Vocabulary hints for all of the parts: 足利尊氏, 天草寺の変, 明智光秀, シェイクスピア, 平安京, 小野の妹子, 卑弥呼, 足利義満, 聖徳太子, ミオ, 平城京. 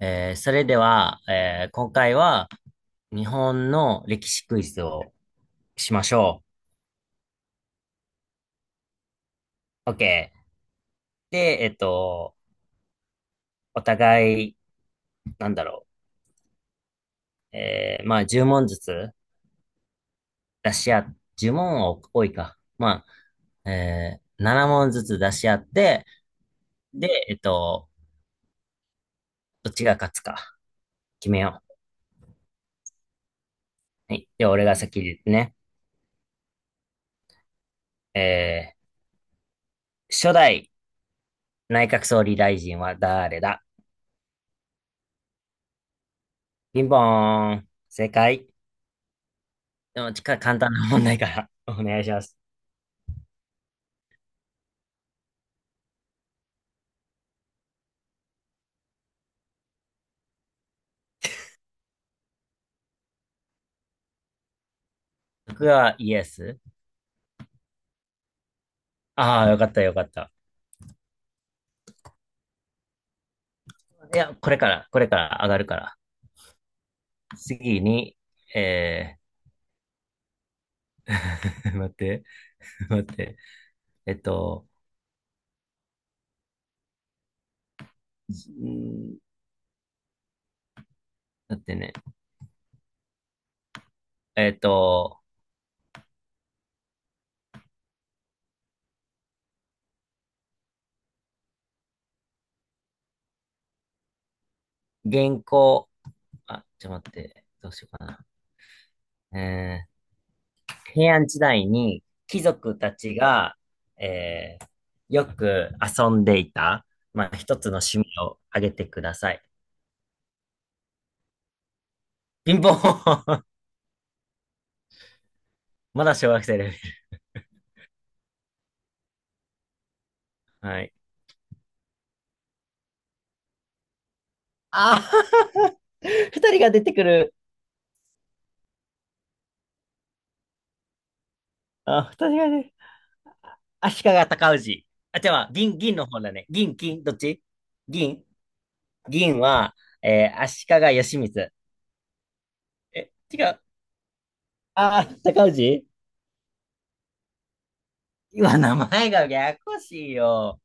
それでは、今回は日本の歴史クイズをしましょう。OK。で、お互い、なんだろう。まあ、10問ずつ出し合っ、10問は多いか。まあ、7問ずつ出し合って、で、どっちが勝つか決めよう。はい。では、俺が先で言ってね。えー初代内閣総理大臣は誰だ？ピンポーン。正解。でも、簡単な問題から お願いします。僕はイエス。ああ、よかった、よかった。いや、これから、これから上がるから。次に、え待って、待って。えっと、んー待ってね。えっと、原稿、あ、ちょっと待って、どうしようかな。え平安時代に貴族たちが、えー、よく遊んでいた、まあ、一つの趣味を挙げてください。ピンポン まだ小学生です。はい。ああ 二人が出てくる。あ、二人がね。足利尊氏。あ、じゃあ、銀、銀の方だね。銀、金、どっち？銀、銀は、足利義満。え、違う。高氏。今、名前がややこしいよ。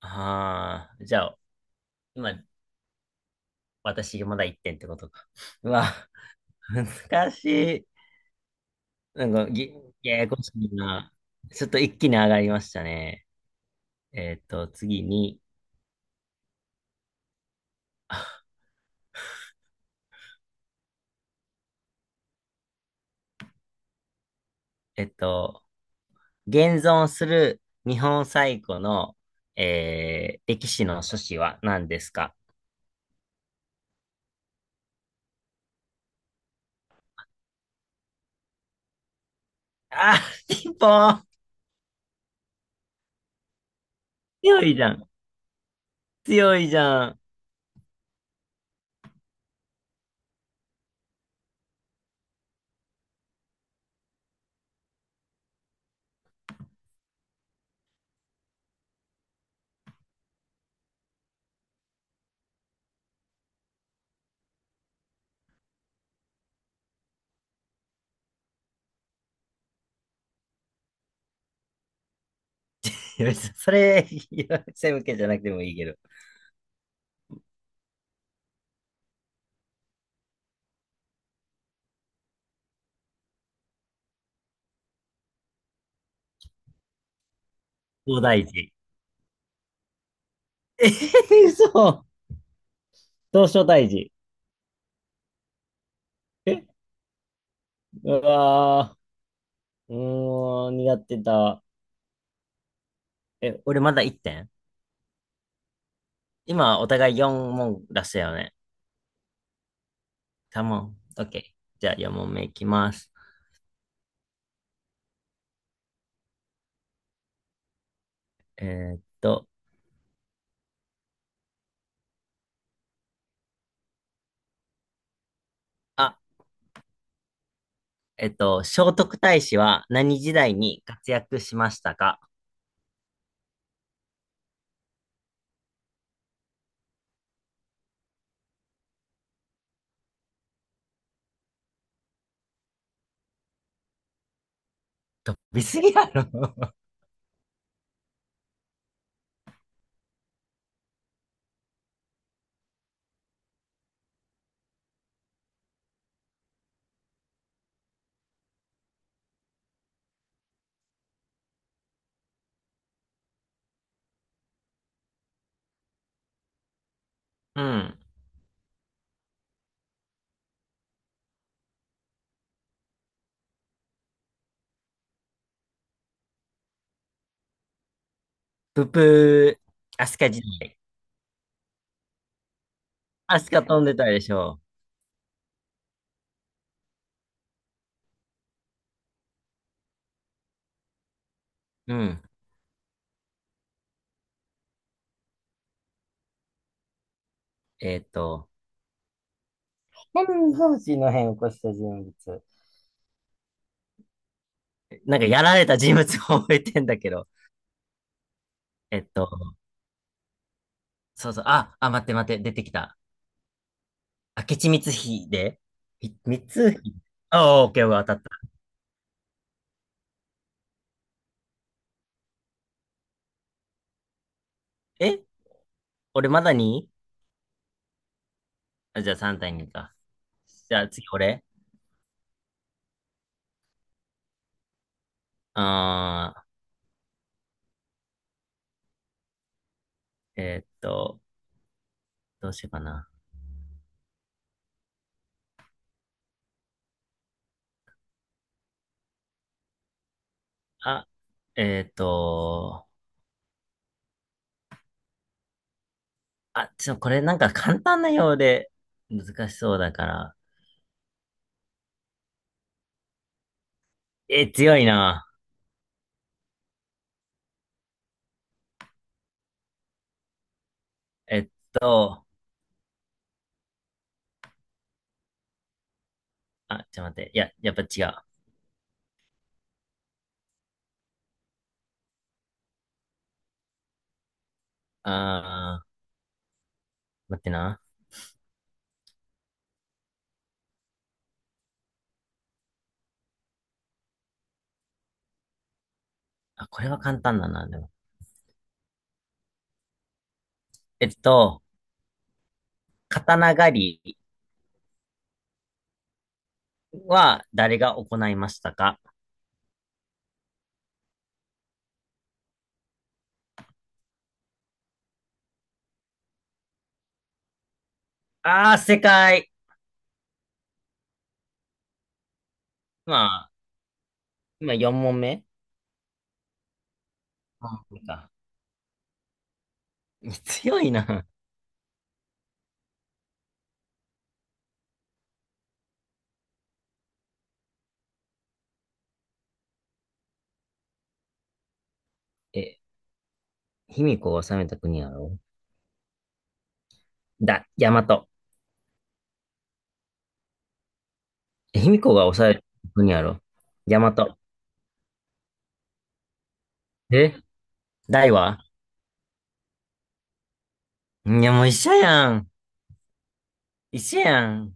ああ、じゃあ、今、私、まだ1点ってことか。うわ、難しい。なんか、ややこしいな。ちょっと一気に上がりましたね。次に、えっと、現存する日本最古の、歴史の書士は何ですか？あピンポーン。強いじゃん。強いじゃん。いや別にそれ、いや背向けじゃなくてもいいけど。東大寺。嘘。東照大寺。え、うわー、うーん、苦手だ。え、俺まだ1点。今、お互い4問出したよね。カモン。オッケー。じゃあ4問目いきます。えーっと、あ聖徳太子は何時代に活躍しましたか？飛びすぎやろ。うん。ププー、アスカ時代。アスカ飛んでたでしょう。うん。えっと、天草寺の変を起こした人物。なんかやられた人物を覚えてんだけど。えっと、そうそう。あ、あ、待って待って、出てきた。明智光秀、光秀。あ、オッケー、オッケー、当たった。え、俺まだに、じゃあ3対2か。じゃあ次俺。あー、えっと、どうしようかな。あ、えっと、これなんか簡単なようで難しそうだから。え、強いな。えっと、待って。いや、やっぱ違う。あー、待ってな。あ、これは簡単だな、でも。えっと、刀狩りは誰が行いましたか？正解。まあ、今4問目。あ、そうか。強いな。え、卑弥呼を治めた国やろ？だ、大和。卑弥呼が抑える国やろ。大和。え、大は、いや、もう一緒やん。一緒やん。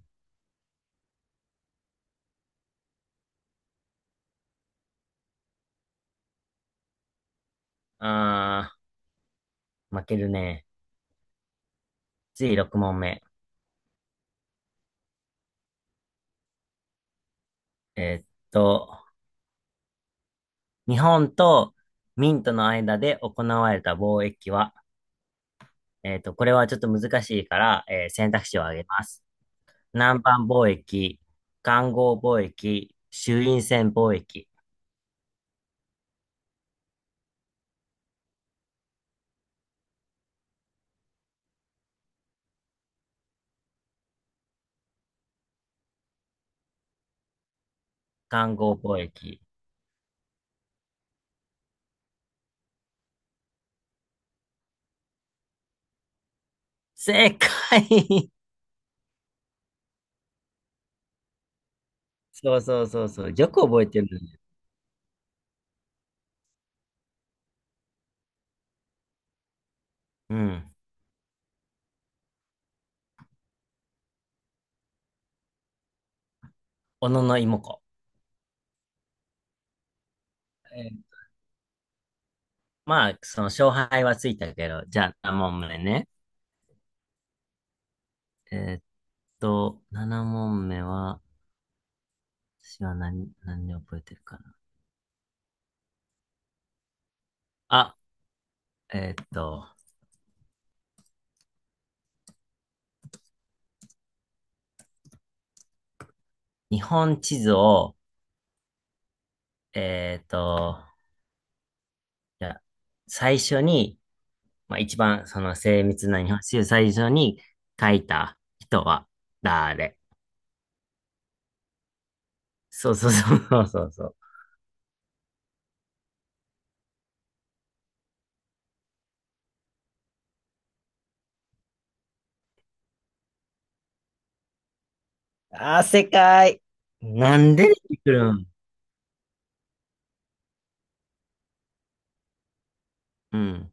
あ負けるね。次6問目。えーっと、日本と明との間で行われた貿易は、これはちょっと難しいから、選択肢を挙げます。南蛮貿易、環合貿易、朱印船貿易、環合貿易。正解 そうそうそうそう。よく覚えてるね。うん。小野の妹子。えーまあ、その勝敗はついたけど、じゃあ7問目ね。えーっ7問目は、私は何で覚えてるかな。あ、えーっと、日本地図を、えーっと、じゃあ最初に、まあ一番その精密な日本地図最初に書いた人は誰？そうそうそうそうそうそう。正解。なんで出てくるん？うん。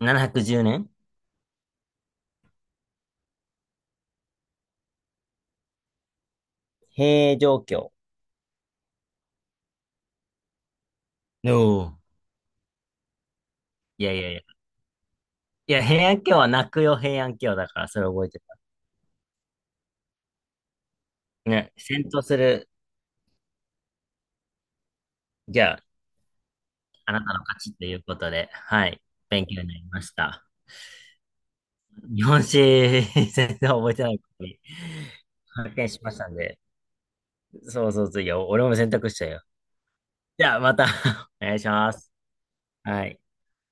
ん？ 710 年？平城京。おお。いやいやいや。いや、平安京は泣くよ、平安京だから、それ覚えてた。ね、戦闘する、じゃあ、あなたの勝ちということで、はい、勉強になりました。日本史、全然覚えてないことに 発見しましたんで、そうそうそう、いや、俺も選択しちゃうよ。じゃあ、また お願いします。はい。